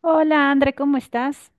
Hola, André, ¿cómo estás?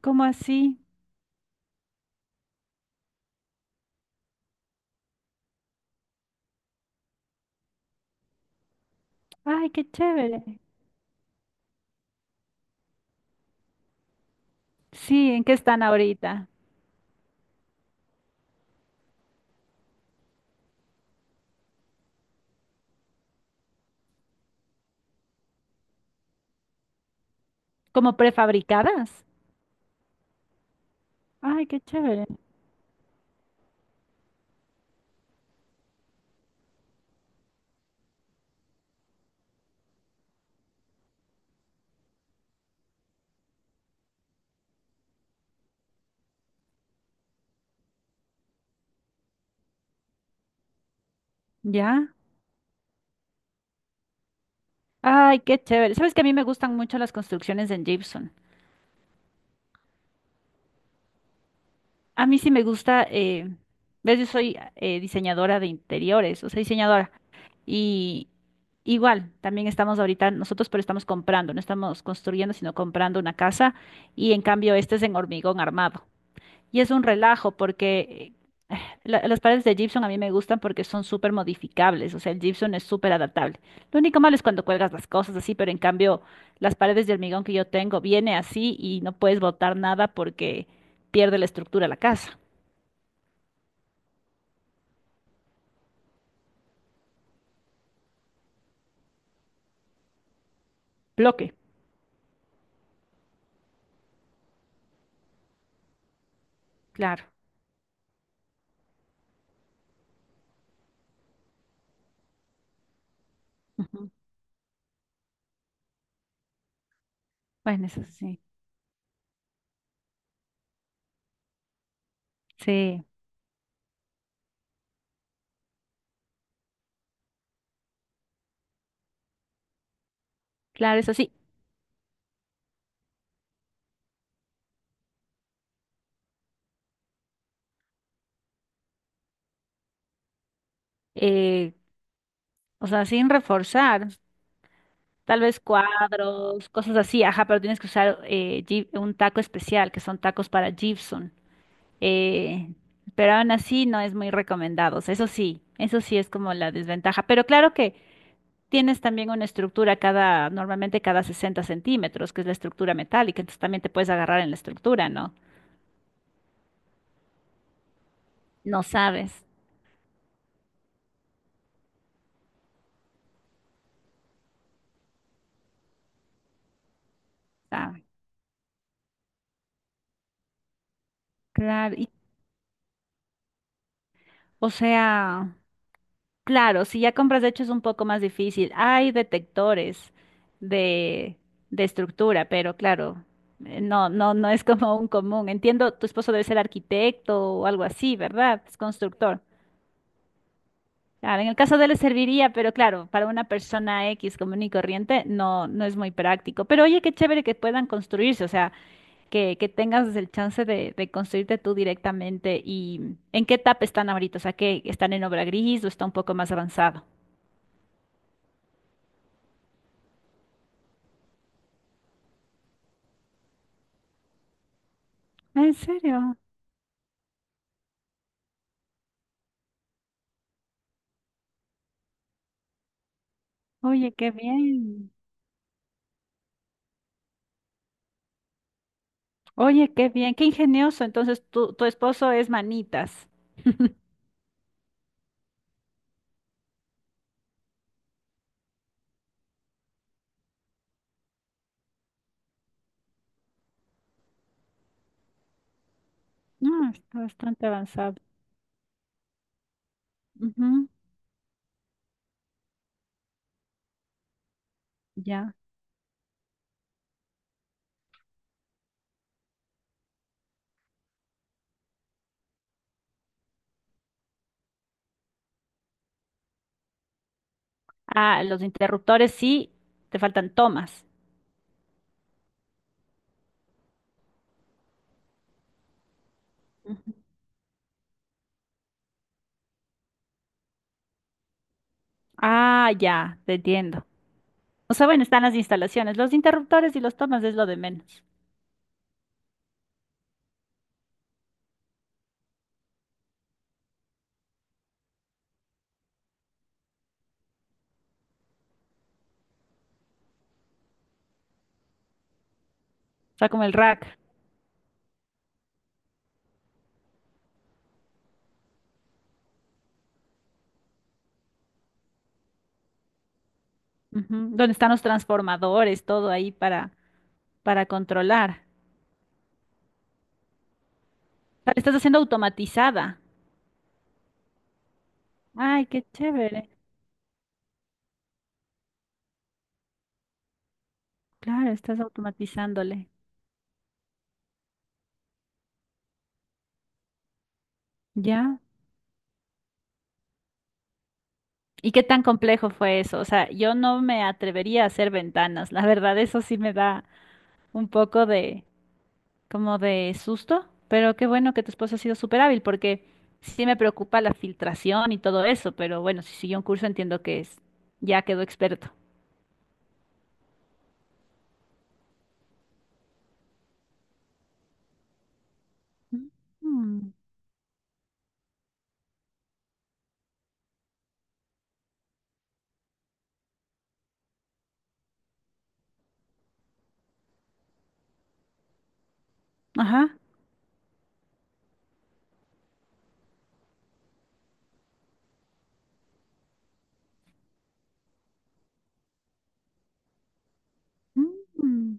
¿Cómo así? Ay, qué chévere. Sí, ¿en qué están ahorita? ¿Como prefabricadas? Ay, qué chévere. ¿Ya? Ay, qué chévere. Sabes que a mí me gustan mucho las construcciones en gypsum. A mí sí me gusta, ves, yo soy diseñadora de interiores, o sea, diseñadora. Y igual, también estamos ahorita nosotros, pero estamos comprando, no estamos construyendo, sino comprando una casa. Y en cambio, este es en hormigón armado. Y es un relajo porque las paredes de gypsum a mí me gustan porque son súper modificables, o sea, el gypsum es súper adaptable. Lo único malo es cuando cuelgas las cosas así, pero en cambio las paredes de hormigón que yo tengo viene así y no puedes botar nada porque pierde la estructura de la casa. Bloque. Claro. Ujú. Bueno, eso sí. Sí, claro, eso sí. Eh, o sea, sin reforzar. Tal vez cuadros, cosas así, ajá, pero tienes que usar un taco especial, que son tacos para gypsum. eh, pero aún así no es muy recomendado. O sea, eso sí, eso sí es como la desventaja. Pero claro que tienes también una estructura cada, normalmente cada 60 centímetros, que es la estructura metálica, entonces también te puedes agarrar en la estructura, ¿no? No sabes. Ah, claro. O sea, claro, si ya compras de hecho es un poco más difícil. Hay detectores de, de estructura, pero claro. No, no, no es como un común. Entiendo, tu esposo debe ser arquitecto o algo así, ¿verdad? Es constructor. Claro, en el caso de él le serviría, pero claro, para una persona X común y corriente no, no es muy práctico. Pero oye, qué chévere que puedan construirse, o sea, que tengas el chance de construirte tú directamente. ¿Y en qué etapa están ahorita? O sea, que están en obra gris o está un poco más avanzado. Ah, ¿en serio? Oye, qué bien. Oye, qué bien, qué ingenioso. Entonces, tu esposo es manitas. No, está bastante avanzado. Ujú, ya. Ah, los interruptores sí, te faltan tomas. Ah, ya, te entiendo. O sea, bueno, están las instalaciones, los interruptores y los tomas es lo de menos. O sea, como el rack, ujú. Donde están los transformadores, todo ahí para controlar. O sea, le estás haciendo automatizada. Ay, qué chévere. Claro, estás automatizándole. ¿Ya? ¿Y qué tan complejo fue eso? O sea, yo no me atrevería a hacer ventanas. La verdad, eso sí me da un poco de, como de susto, pero qué bueno que tu esposo ha sido súper hábil porque sí me preocupa la filtración y todo eso, pero bueno, si siguió un curso entiendo que es, ya quedó experto. Mm, ajá. Mm,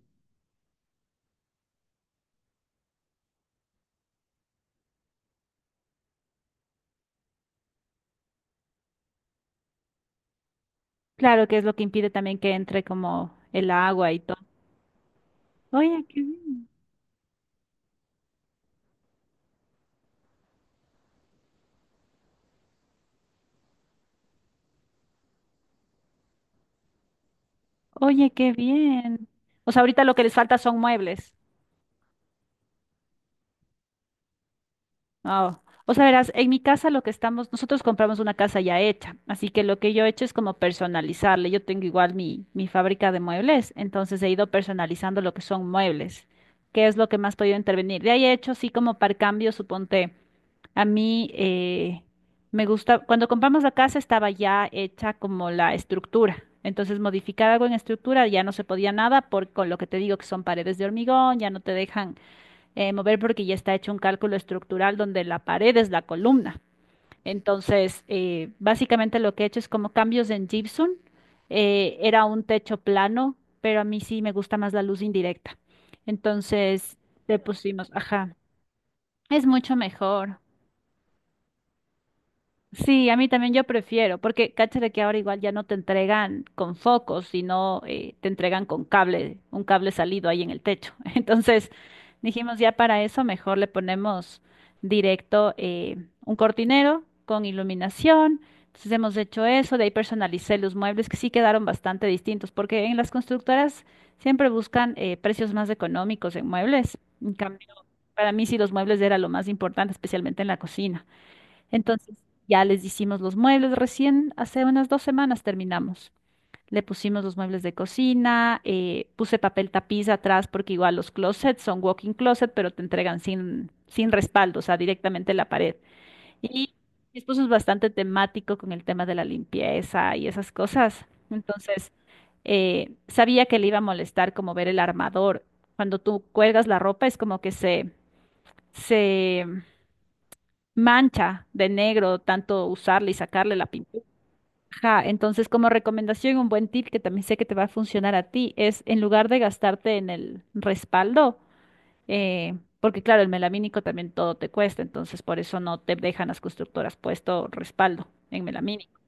claro que es lo que impide también que entre como el agua y todo. Oye, qué bien. Oye, qué bien. O sea, ahorita lo que les falta son muebles. Ah, o sea, verás, en mi casa lo que estamos, nosotros compramos una casa ya hecha, así que lo que yo he hecho es como personalizarle. Yo tengo igual mi fábrica de muebles, entonces he ido personalizando lo que son muebles, que es lo que más he podido intervenir. De ahí he hecho, así como para cambio, suponte, a mí me gusta, cuando compramos la casa estaba ya hecha como la estructura, entonces modificar algo en estructura ya no se podía nada por, con lo que te digo que son paredes de hormigón, ya no te dejan mover porque ya está hecho un cálculo estructural donde la pared es la columna. Entonces, básicamente lo que he hecho es como cambios en gypsum. Era un techo plano, pero a mí sí me gusta más la luz indirecta. Entonces, le pusimos, ajá, es mucho mejor. Sí, a mí también yo prefiero, porque cáchate que ahora igual ya no te entregan con focos, sino te entregan con cable, un cable salido ahí en el techo. Entonces dijimos ya para eso mejor le ponemos directo un cortinero con iluminación. Entonces hemos hecho eso, de ahí personalicé los muebles que sí quedaron bastante distintos, porque en las constructoras siempre buscan precios más económicos en muebles. En cambio, para mí sí los muebles era lo más importante, especialmente en la cocina. Entonces, ya les hicimos los muebles. Recién hace unas dos semanas terminamos. Le pusimos los muebles de cocina, puse papel tapiz atrás porque igual los closets son walk-in closet, pero te entregan sin, sin respaldo, o sea, directamente en la pared. Y mi esposo es bastante temático con el tema de la limpieza y esas cosas. Entonces, sabía que le iba a molestar como ver el armador. Cuando tú cuelgas la ropa es como que se mancha de negro, tanto usarle y sacarle la pintura. Ajá, entonces como recomendación, un buen tip que también sé que te va a funcionar a ti es en lugar de gastarte en el respaldo, porque claro, el melamínico también todo te cuesta, entonces por eso no te dejan las constructoras puesto respaldo en melamínico.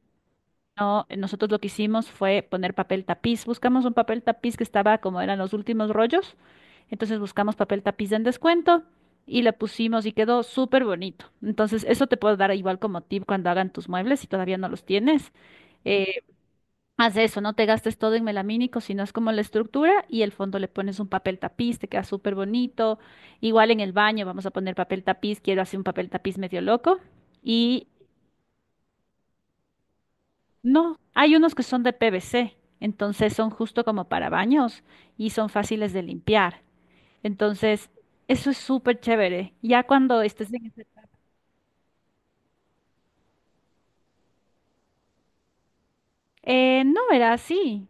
No, nosotros lo que hicimos fue poner papel tapiz. Buscamos un papel tapiz que estaba como eran los últimos rollos. Entonces buscamos papel tapiz en descuento y le pusimos y quedó súper bonito. Entonces eso te puedo dar igual como tip cuando hagan tus muebles si todavía no los tienes. Eh, haz eso, no te gastes todo en melamínico, sino es como la estructura y el fondo le pones un papel tapiz, te queda súper bonito. Igual en el baño vamos a poner papel tapiz, quiero hacer un papel tapiz medio loco. y No, hay unos que son de P V C, entonces son justo como para baños y son fáciles de limpiar. Entonces, eso es súper chévere. Ya cuando estés en esa etapa- no, verás, sí.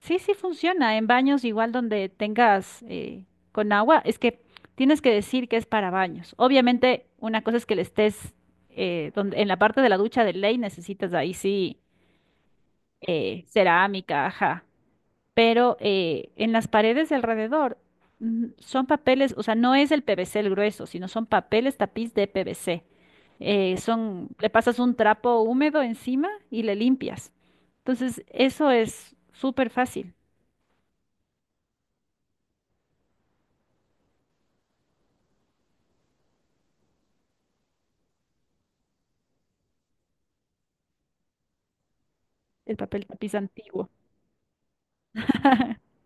Sí, sí funciona. En baños igual donde tengas con agua, es que tienes que decir que es para baños. Obviamente, una cosa es que le estés en la parte de la ducha de ley necesitas ahí sí cerámica, ajá. Pero en las paredes de alrededor son papeles, o sea, no es el PVC el grueso, sino son papeles tapiz de PVC. Le pasas un trapo húmedo encima y le limpias. Entonces, eso es súper fácil, el papel tapiz antiguo.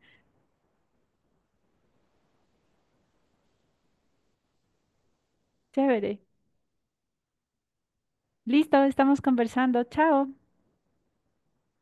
Chévere. Listo, estamos conversando. Chao.